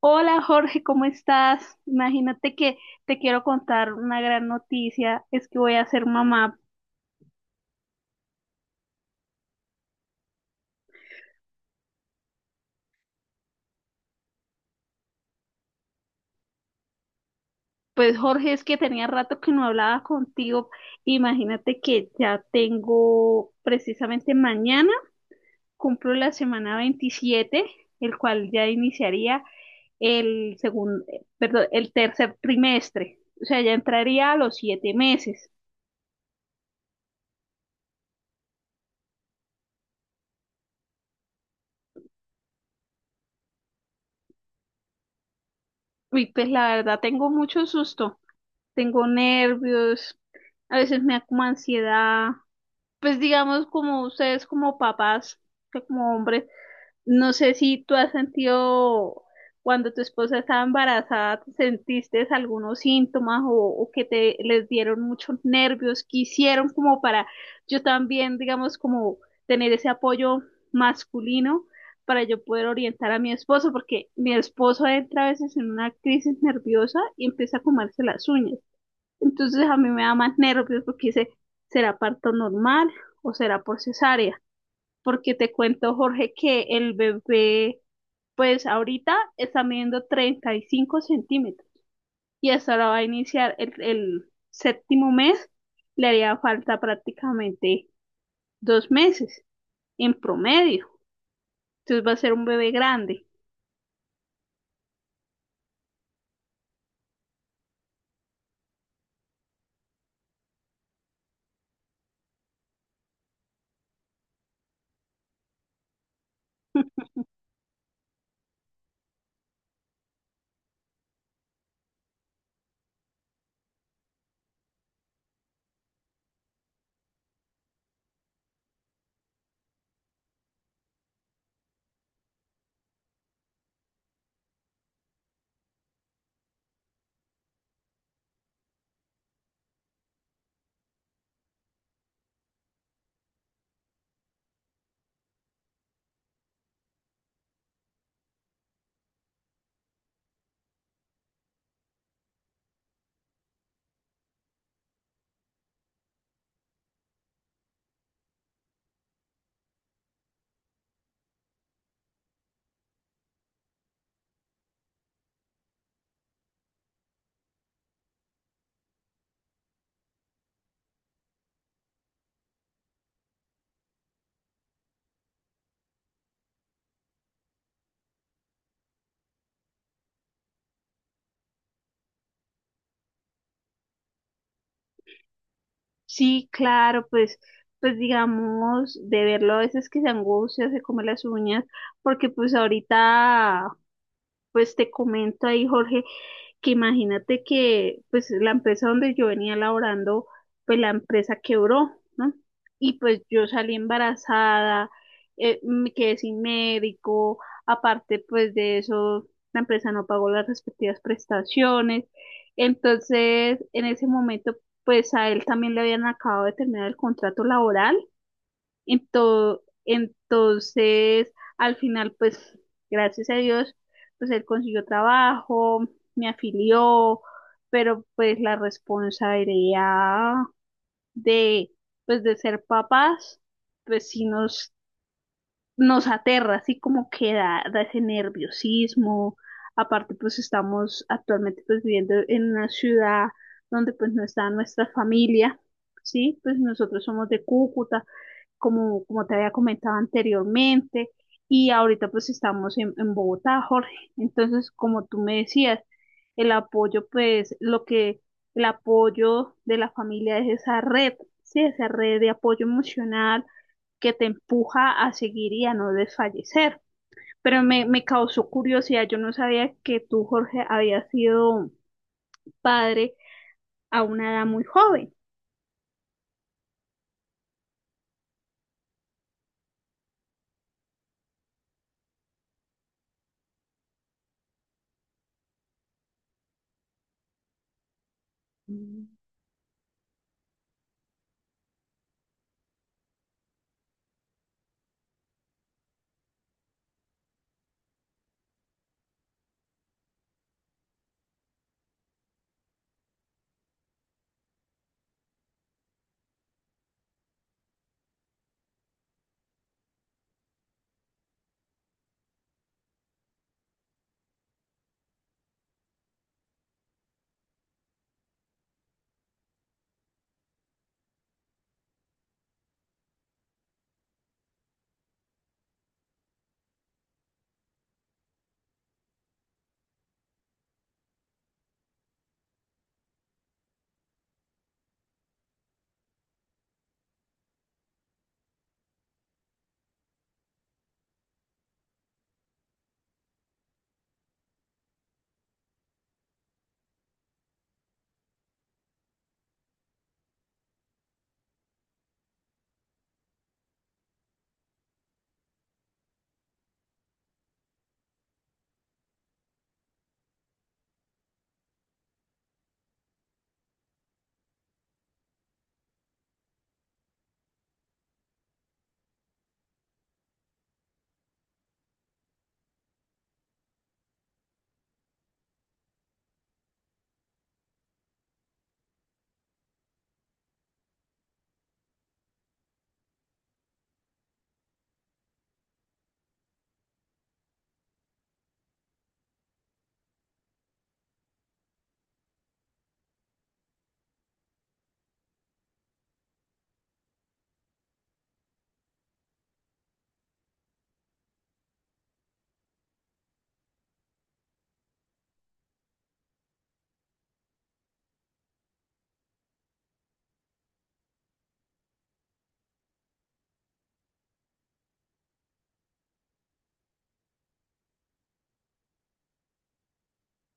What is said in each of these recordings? Hola Jorge, ¿cómo estás? Imagínate que te quiero contar una gran noticia, es que voy a ser mamá. Pues Jorge, es que tenía rato que no hablaba contigo. Imagínate que ya tengo precisamente mañana, cumplo la semana 27, el cual ya iniciaría el segundo, perdón, el tercer trimestre. O sea, ya entraría a los 7 meses. Y pues la verdad tengo mucho susto. Tengo nervios, a veces me da como ansiedad. Pues digamos como ustedes como papás, que como hombres, no sé si tú has sentido cuando tu esposa estaba embarazada, ¿te sentiste algunos síntomas o que te les dieron muchos nervios? ¿Qué hicieron como para yo también, digamos, como tener ese apoyo masculino para yo poder orientar a mi esposo? Porque mi esposo entra a veces en una crisis nerviosa y empieza a comerse las uñas. Entonces a mí me da más nervios porque dice, ¿será parto normal o será por cesárea? Porque te cuento, Jorge, que el bebé, pues ahorita está midiendo 35 centímetros y hasta ahora va a iniciar el séptimo mes, le haría falta prácticamente 2 meses en promedio. Entonces va a ser un bebé grande. Sí, claro, pues, pues digamos, de verlo a veces que se angustia, se come las uñas, porque pues ahorita pues te comento ahí, Jorge, que imagínate que pues la empresa donde yo venía laborando, pues la empresa quebró, ¿no? Y pues yo salí embarazada, me quedé sin médico, aparte pues de eso, la empresa no pagó las respectivas prestaciones. Entonces, en ese momento, pues a él también le habían acabado de terminar el contrato laboral. Entonces, al final, pues, gracias a Dios, pues él consiguió trabajo, me afilió, pero pues la responsabilidad de, pues, de ser papás, pues sí nos aterra, así como que da ese nerviosismo. Aparte, pues estamos actualmente pues viviendo en una ciudad donde pues no está nuestra familia, ¿sí? Pues nosotros somos de Cúcuta como, como te había comentado anteriormente, y ahorita pues estamos en, Bogotá, Jorge. Entonces, como tú me decías, el apoyo, pues lo que el apoyo de la familia es esa red, sí, esa red de apoyo emocional que te empuja a seguir y a no desfallecer. Pero me causó curiosidad, yo no sabía que tú, Jorge, habías sido padre a una edad muy joven.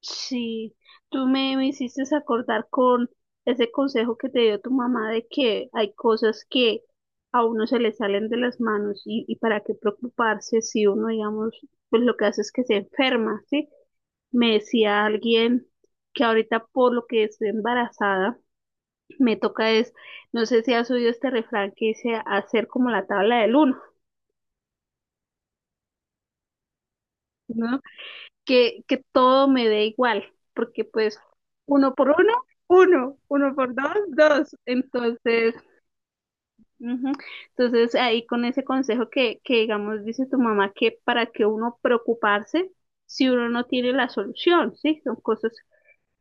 Sí, tú me hiciste acordar con ese consejo que te dio tu mamá de que hay cosas que a uno se le salen de las manos y para qué preocuparse si uno, digamos, pues lo que hace es que se enferma, ¿sí? Me decía alguien que ahorita por lo que estoy embarazada, me toca es, no sé si has oído este refrán que dice hacer como la tabla del uno, no que todo me dé igual, porque pues uno por uno, uno, uno por dos, dos. Entonces, ujú. Entonces ahí con ese consejo que digamos dice tu mamá que para que uno preocuparse si uno no tiene la solución, ¿sí? Son cosas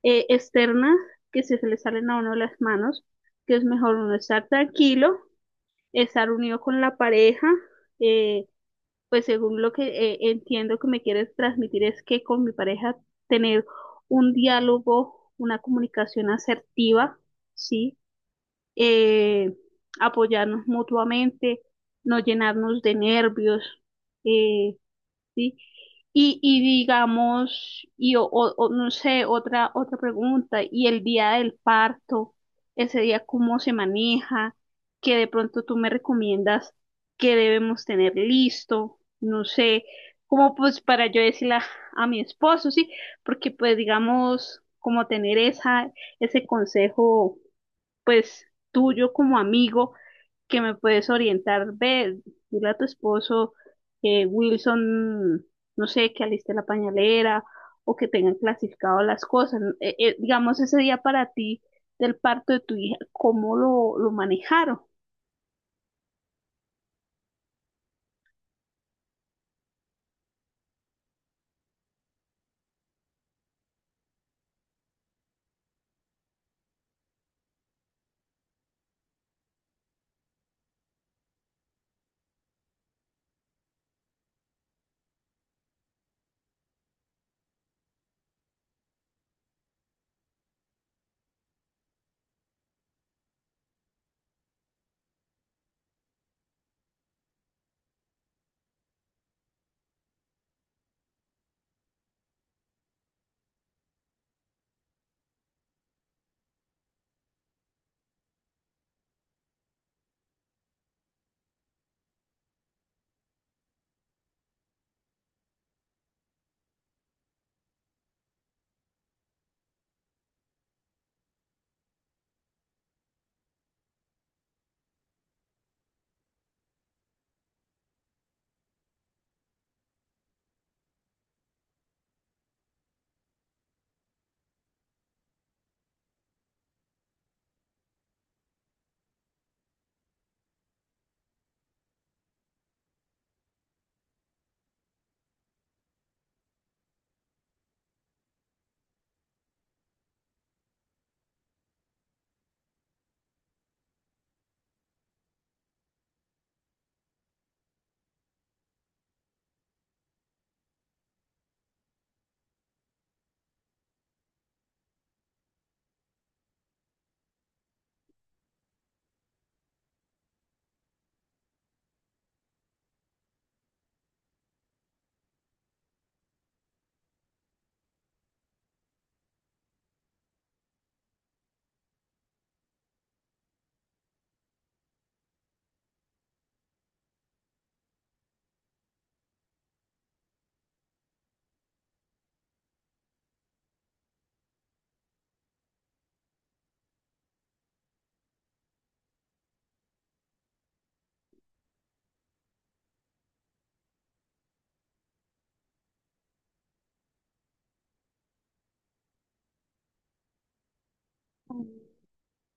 externas que se le salen a uno de las manos, que es mejor uno estar tranquilo, estar unido con la pareja, eh, pues según lo que entiendo que me quieres transmitir es que con mi pareja tener un diálogo, una comunicación asertiva, ¿sí? Eh, Apoyarnos mutuamente, no llenarnos de nervios, eh, ¿sí? Y digamos, y o no sé, otra pregunta, y el día del parto, ese día cómo se maneja, que de pronto tú me recomiendas que debemos tener listo, no sé, como pues para yo decirle a mi esposo, sí, porque pues digamos, como tener esa, ese consejo, pues tuyo como amigo que me puedes orientar. Ve, dile a tu esposo que Wilson, no sé, que aliste la pañalera o que tengan clasificado las cosas. Digamos, ese día para ti del parto de tu hija, ¿cómo lo manejaron?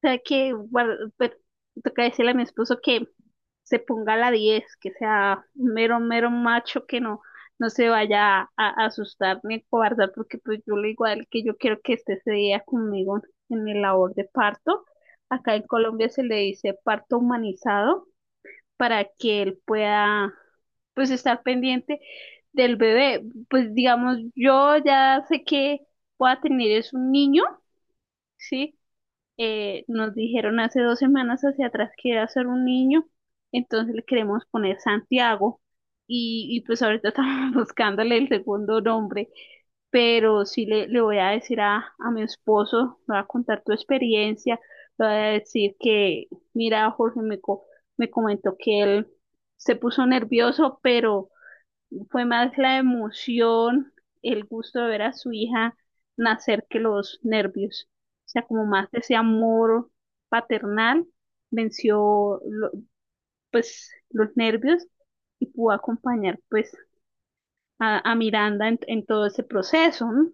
Sea que pero toca decirle a mi esposo que se ponga a la 10 que sea un mero, mero macho, que no, no se vaya a asustar ni a cobardar, porque pues yo le digo a él que yo quiero que esté ese día conmigo en mi labor de parto. Acá en Colombia se le dice parto humanizado para que él pueda pues estar pendiente del bebé. Pues digamos, yo ya sé que voy a tener es un niño. ¿Sí? Eh, nos dijeron hace 2 semanas hacia atrás que era ser un niño, entonces le queremos poner Santiago y pues ahorita estamos buscándole el segundo nombre, pero sí le voy a decir a, mi esposo, le voy a contar tu experiencia, le voy a decir que, mira, Jorge me comentó que él se puso nervioso, pero fue más la emoción, el gusto de ver a su hija nacer que los nervios. O sea, como más ese amor paternal venció pues los nervios y pudo acompañar pues a Miranda en todo ese proceso, ¿no?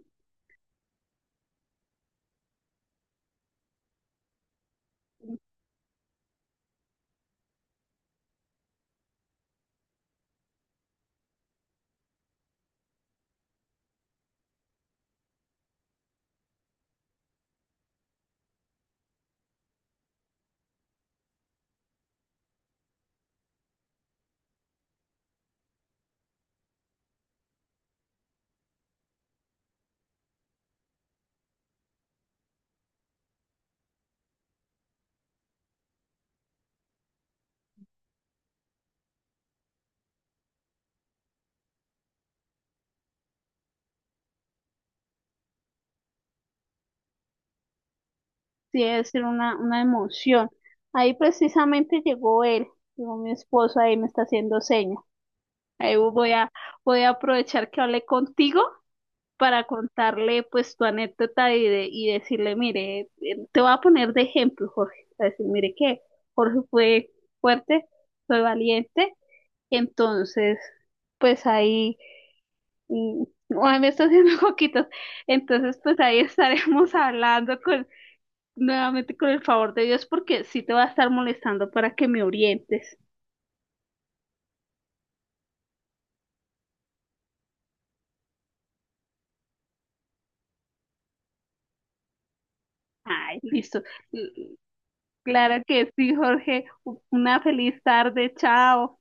Sí, debe ser una emoción. Ahí precisamente llegó él, llegó mi esposo, ahí me está haciendo seña. Ahí voy a aprovechar que hablé contigo para contarle pues tu anécdota y decirle, mire, te voy a poner de ejemplo, Jorge, para decir, mire que Jorge fue fuerte, fue valiente, entonces pues ahí, mm, ay, me está haciendo coquitos, entonces pues ahí estaremos hablando con, nuevamente con el favor de Dios, porque sí te va a estar molestando para que me orientes. Ay, listo. Claro que sí, Jorge, una feliz tarde, chao.